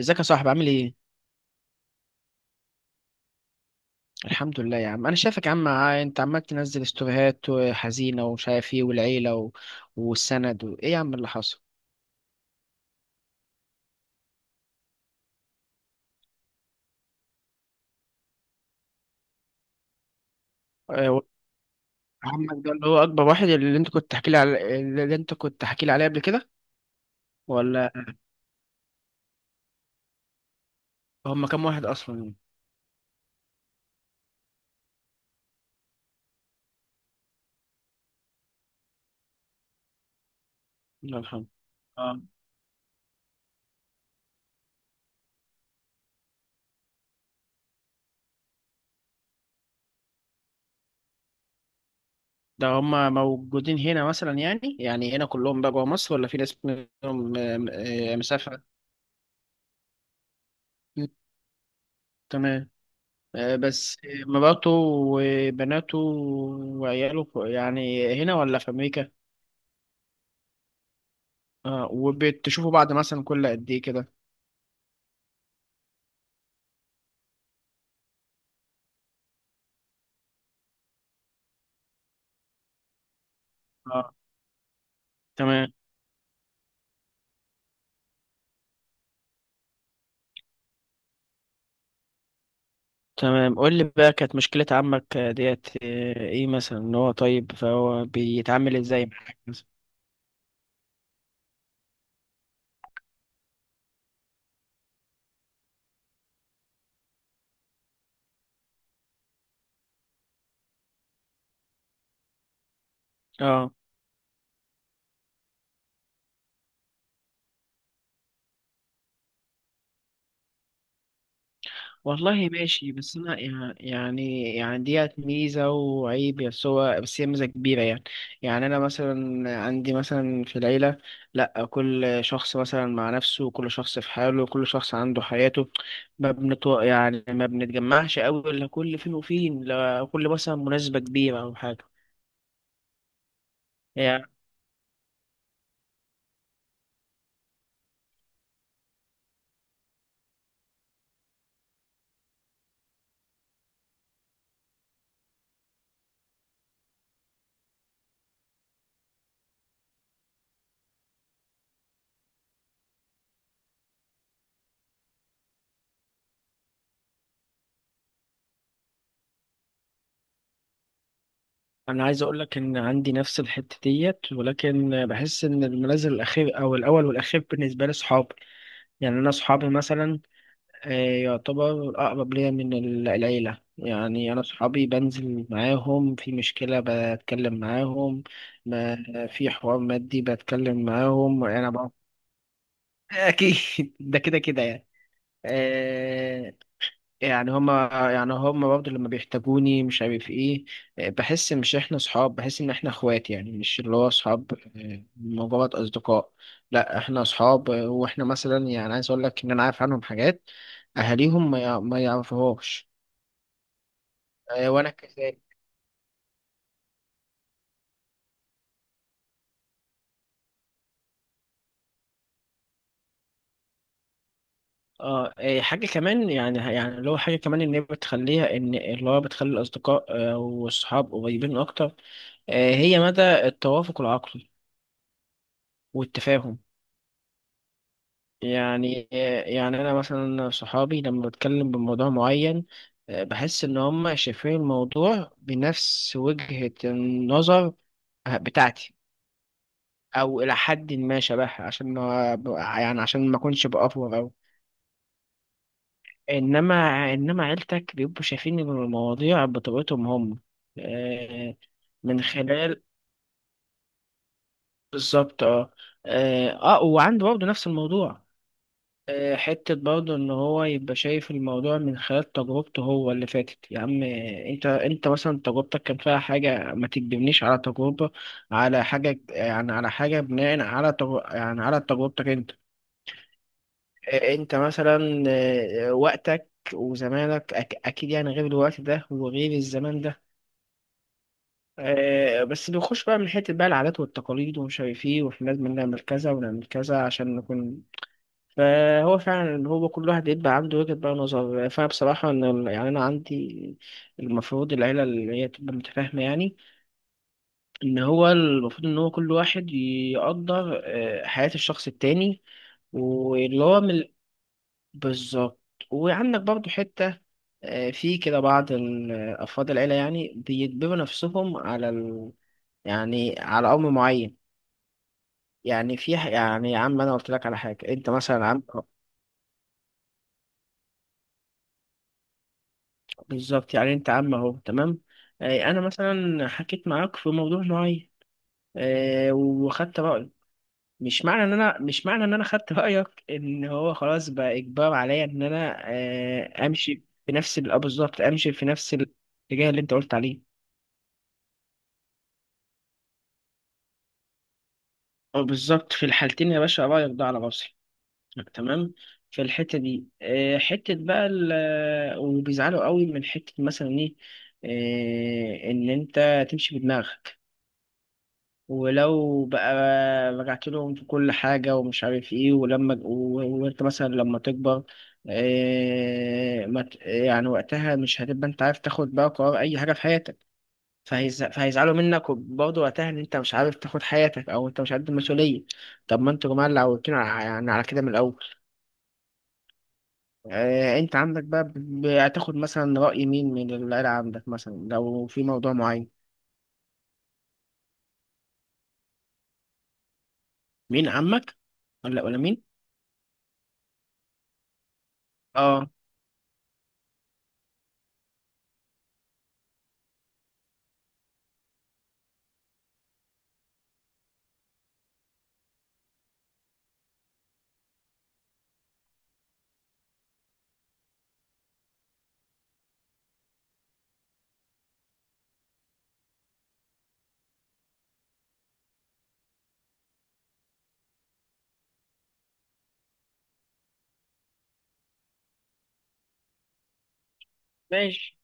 ازيك يا صاحبي، عامل ايه؟ الحمد لله يا عم، انا شايفك يا عم، انت عمال تنزل ستوريهات حزينه ومش عارف ايه، والعيله والسند ايه يا عم اللي حصل؟ آه، و- عمك ده اللي هو اكبر واحد، اللي انت كنت تحكي لي عليه قبل كده؟ ولا هم كام واحد اصلا يعني؟ الله يرحمه. اه. ده هم موجودين هنا مثلا، يعني هنا كلهم بقى جوه مصر ولا في ناس منهم؟ مسافره. تمام. بس، مراته وبناته وعياله، يعني هنا ولا في أمريكا؟ وبتشوفوا بعض مثلا كل قد إيه كده؟ آه تمام، تمام. قول لي بقى، كانت مشكلة عمك ديت إيه مثلا؟ إن هو طيب فهو بيتعامل إزاي معاك مثلا؟ آه والله ماشي. بس انا يعني ديت ميزه وعيب، بس هي ميزه كبيره يعني. يعني انا مثلا عندي مثلا في العيله، لا كل شخص مثلا مع نفسه، وكل شخص في حاله، وكل شخص عنده حياته. ما بنت يعني ما بنتجمعش قوي الا كل فين وفين، لا كل مثلا مناسبه كبيره او حاجه. يعني انا عايز اقول لك ان عندي نفس الحته ديت، ولكن بحس ان المنازل الاخير، او الاول والاخير بالنسبه لي، اصحابي. يعني انا اصحابي مثلا آه، يعتبر أقرب ليا من العيلة. يعني أنا صحابي بنزل معاهم في مشكلة، بتكلم معاهم. ما في حوار مادي بتكلم معاهم أنا بقى. أكيد. ده كده كده يعني. آه، يعني هما برضه لما بيحتاجوني مش عارف ايه. بحس ان احنا اخوات، يعني مش اللي هو صحاب مجرد اصدقاء. لا احنا صحاب، واحنا مثلا، يعني عايز اقول لك ان انا عارف عنهم حاجات اهاليهم ما يعرفوهاش. وانا كذلك. اه، إيه، حاجة كمان، يعني اللي هو حاجة كمان ان هي بتخليها ان اللي هو بتخلي الاصدقاء والصحاب قريبين اكتر. هي مدى التوافق العقلي والتفاهم. يعني يعني انا مثلا صحابي لما بتكلم بموضوع معين، بحس ان هم شايفين الموضوع بنفس وجهة النظر بتاعتي، او الى حد ما شبهها، عشان ما اكونش بافور او... انما عيلتك بيبقوا شايفين المواضيع بطريقتهم هم آه، من خلال بالظبط. اه، اه. وعنده برضه نفس الموضوع. حتة برضه، إن هو يبقى شايف الموضوع من خلال تجربته هو اللي فاتت يا عم. أنت مثلا تجربتك كان فيها حاجة ما تكدبنيش على تجربة، على حاجة، بناء على تجربتك أنت. أنت مثلا وقتك وزمانك أكيد، يعني غير الوقت ده وغير الزمان ده. بس بيخش بقى من حتة بقى العادات والتقاليد ومش عارف إيه، وإحنا لازم نعمل كذا ونعمل كذا عشان نكون. فهو فعلا اللي هو كل واحد يبقى عنده وجهة بقى نظر. فأنا بصراحة، إن يعني أنا عندي، المفروض العيلة اللي هي تبقى متفاهمة يعني. إن هو المفروض إن هو كل واحد يقدر حياة الشخص التاني. واللي هو من بالظبط. وعندك برضو حتة في كده بعض أفراد العيلة يعني بيجبروا نفسهم على أمر معين. يعني يعني يا عم، أنا قلت لك على حاجة، أنت مثلا عم، بالظبط. يعني انت عم اهو، تمام. انا مثلا حكيت معاك في موضوع معين، وخدت رايك. مش معنى ان انا خدت رايك، ان هو خلاص بقى اجبار عليا ان انا، آه، امشي في نفس ال- آه، بالظبط، امشي في نفس الاتجاه اللي انت قلت عليه. بالظبط، في الحالتين يا باشا، رايك ده على راسي. تمام. في الحته دي آه، حته بقى ال- آه، وبيزعلوا قوي من حته مثلا ايه، ان انت تمشي بدماغك. ولو بقى رجعت لهم في كل حاجة ومش عارف ايه، وانت مثلا لما تكبر، إيه، ما ت- يعني وقتها مش هتبقى انت عارف تاخد بقى قرار اي حاجة في حياتك. فهيزعلوا منك، وبرضه وقتها ان انت مش عارف تاخد حياتك، او انت مش قد المسؤولية. طب ما انتوا جماعة اللي عودتونا يعني على كده من الاول. إيه انت عندك بقى هتاخد مثلا رأي مين من العيلة، عندك مثلا لو في موضوع معين؟ مين عمك ولا مين؟ اه، ماشي.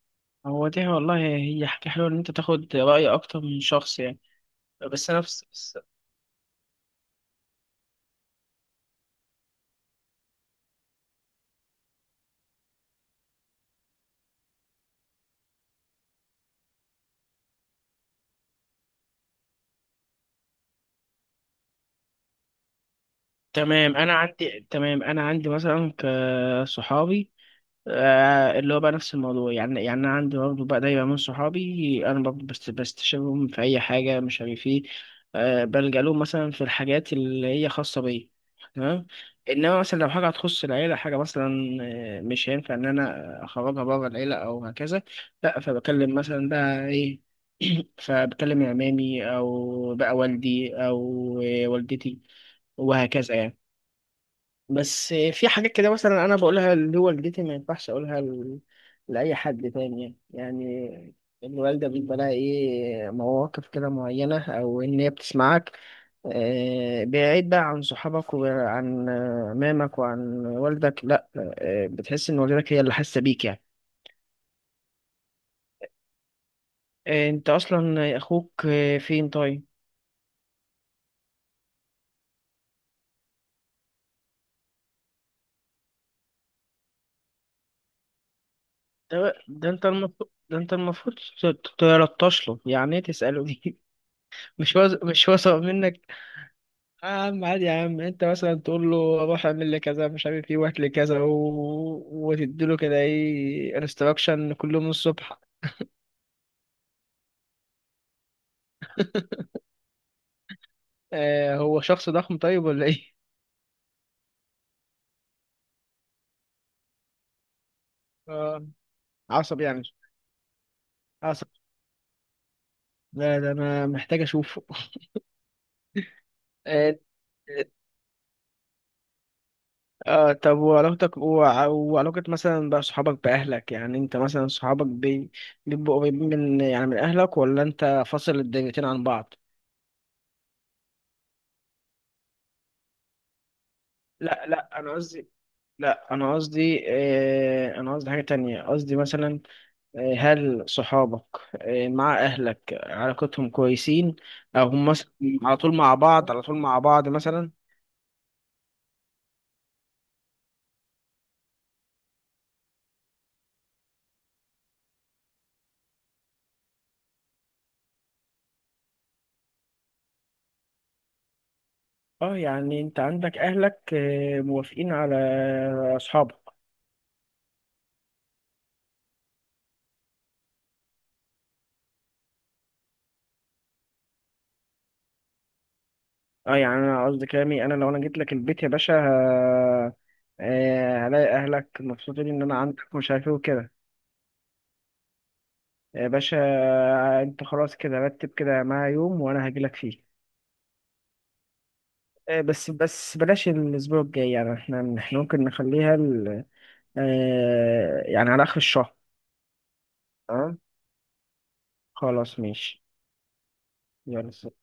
هو دي والله هي حاجة حلوة، إن أنت تاخد رأي أكتر من شخص يعني. بس أنا بس بس تمام. أنا عندي مثلا كصحابي اللي هو بقى نفس الموضوع. يعني انا عندي برضه بقى دايما من صحابي، انا برضه بستشيرهم في اي حاجه مش عارف ايه. بلجأ لهم مثلا في الحاجات اللي هي خاصه بيا. تمام. انما مثلا لو حاجه هتخص العيله، حاجه مثلا مش هينفع ان انا اخرجها بره العيله او هكذا. لا، فبكلم مثلا بقى ايه، فبكلم عمامي، او بقى والدي، او والدتي وهكذا يعني. بس في حاجات كده مثلا انا بقولها اللي هو والدتي، ما ينفعش اقولها لاي حد تاني يعني. يعني الوالده بيبقى لها ايه مواقف كده معينه، او ان هي بتسمعك بعيد بقى عن صحابك وعن مامك وعن والدك، لا، بتحس ان والدتك هي اللي حاسه بيك يعني. انت اصلا، اخوك فين؟ طيب. ده انت المفروض، تلطش له. يعني ايه تساله دي؟ مش هو سبب منك. يا عم عادي، يا عم انت مثلا تقول له روح اعمل لي كذا مش عارف ايه، وهات لي كذا وتديله كده ايه انستراكشن كل يوم الصبح. هو شخص ضخم طيب ولا ايه؟ آه عصب يعني. عصب. لا ده انا محتاج اشوفه. آه، آه، طب وعلاقتك وعلاقة مثلا بقى صحابك بأهلك، يعني انت مثلا صحابك بيبقوا قريبين من أهلك، ولا انت فاصل الدنيتين عن بعض؟ لا، لا، انا قصدي. لا انا قصدي، انا قصدي حاجة تانية، قصدي مثلا هل صحابك مع اهلك علاقتهم كويسين؟ او هم مثلا على طول مع بعض مثلا؟ اه، يعني انت عندك اهلك موافقين على اصحابك؟ اه، يعني انا قصدي كلامي، انا لو انا جيت لك البيت يا باشا، هلاقي اهلك مبسوطين ان انا عندك مش عارف ايه وكده. يا باشا انت خلاص كده رتب كده معايا يوم وانا هاجي لك فيه. بس، بلاش الأسبوع الجاي. يعني احنا ممكن نخليها يعني على آخر الشهر. تمام. خلاص ماشي. يلا.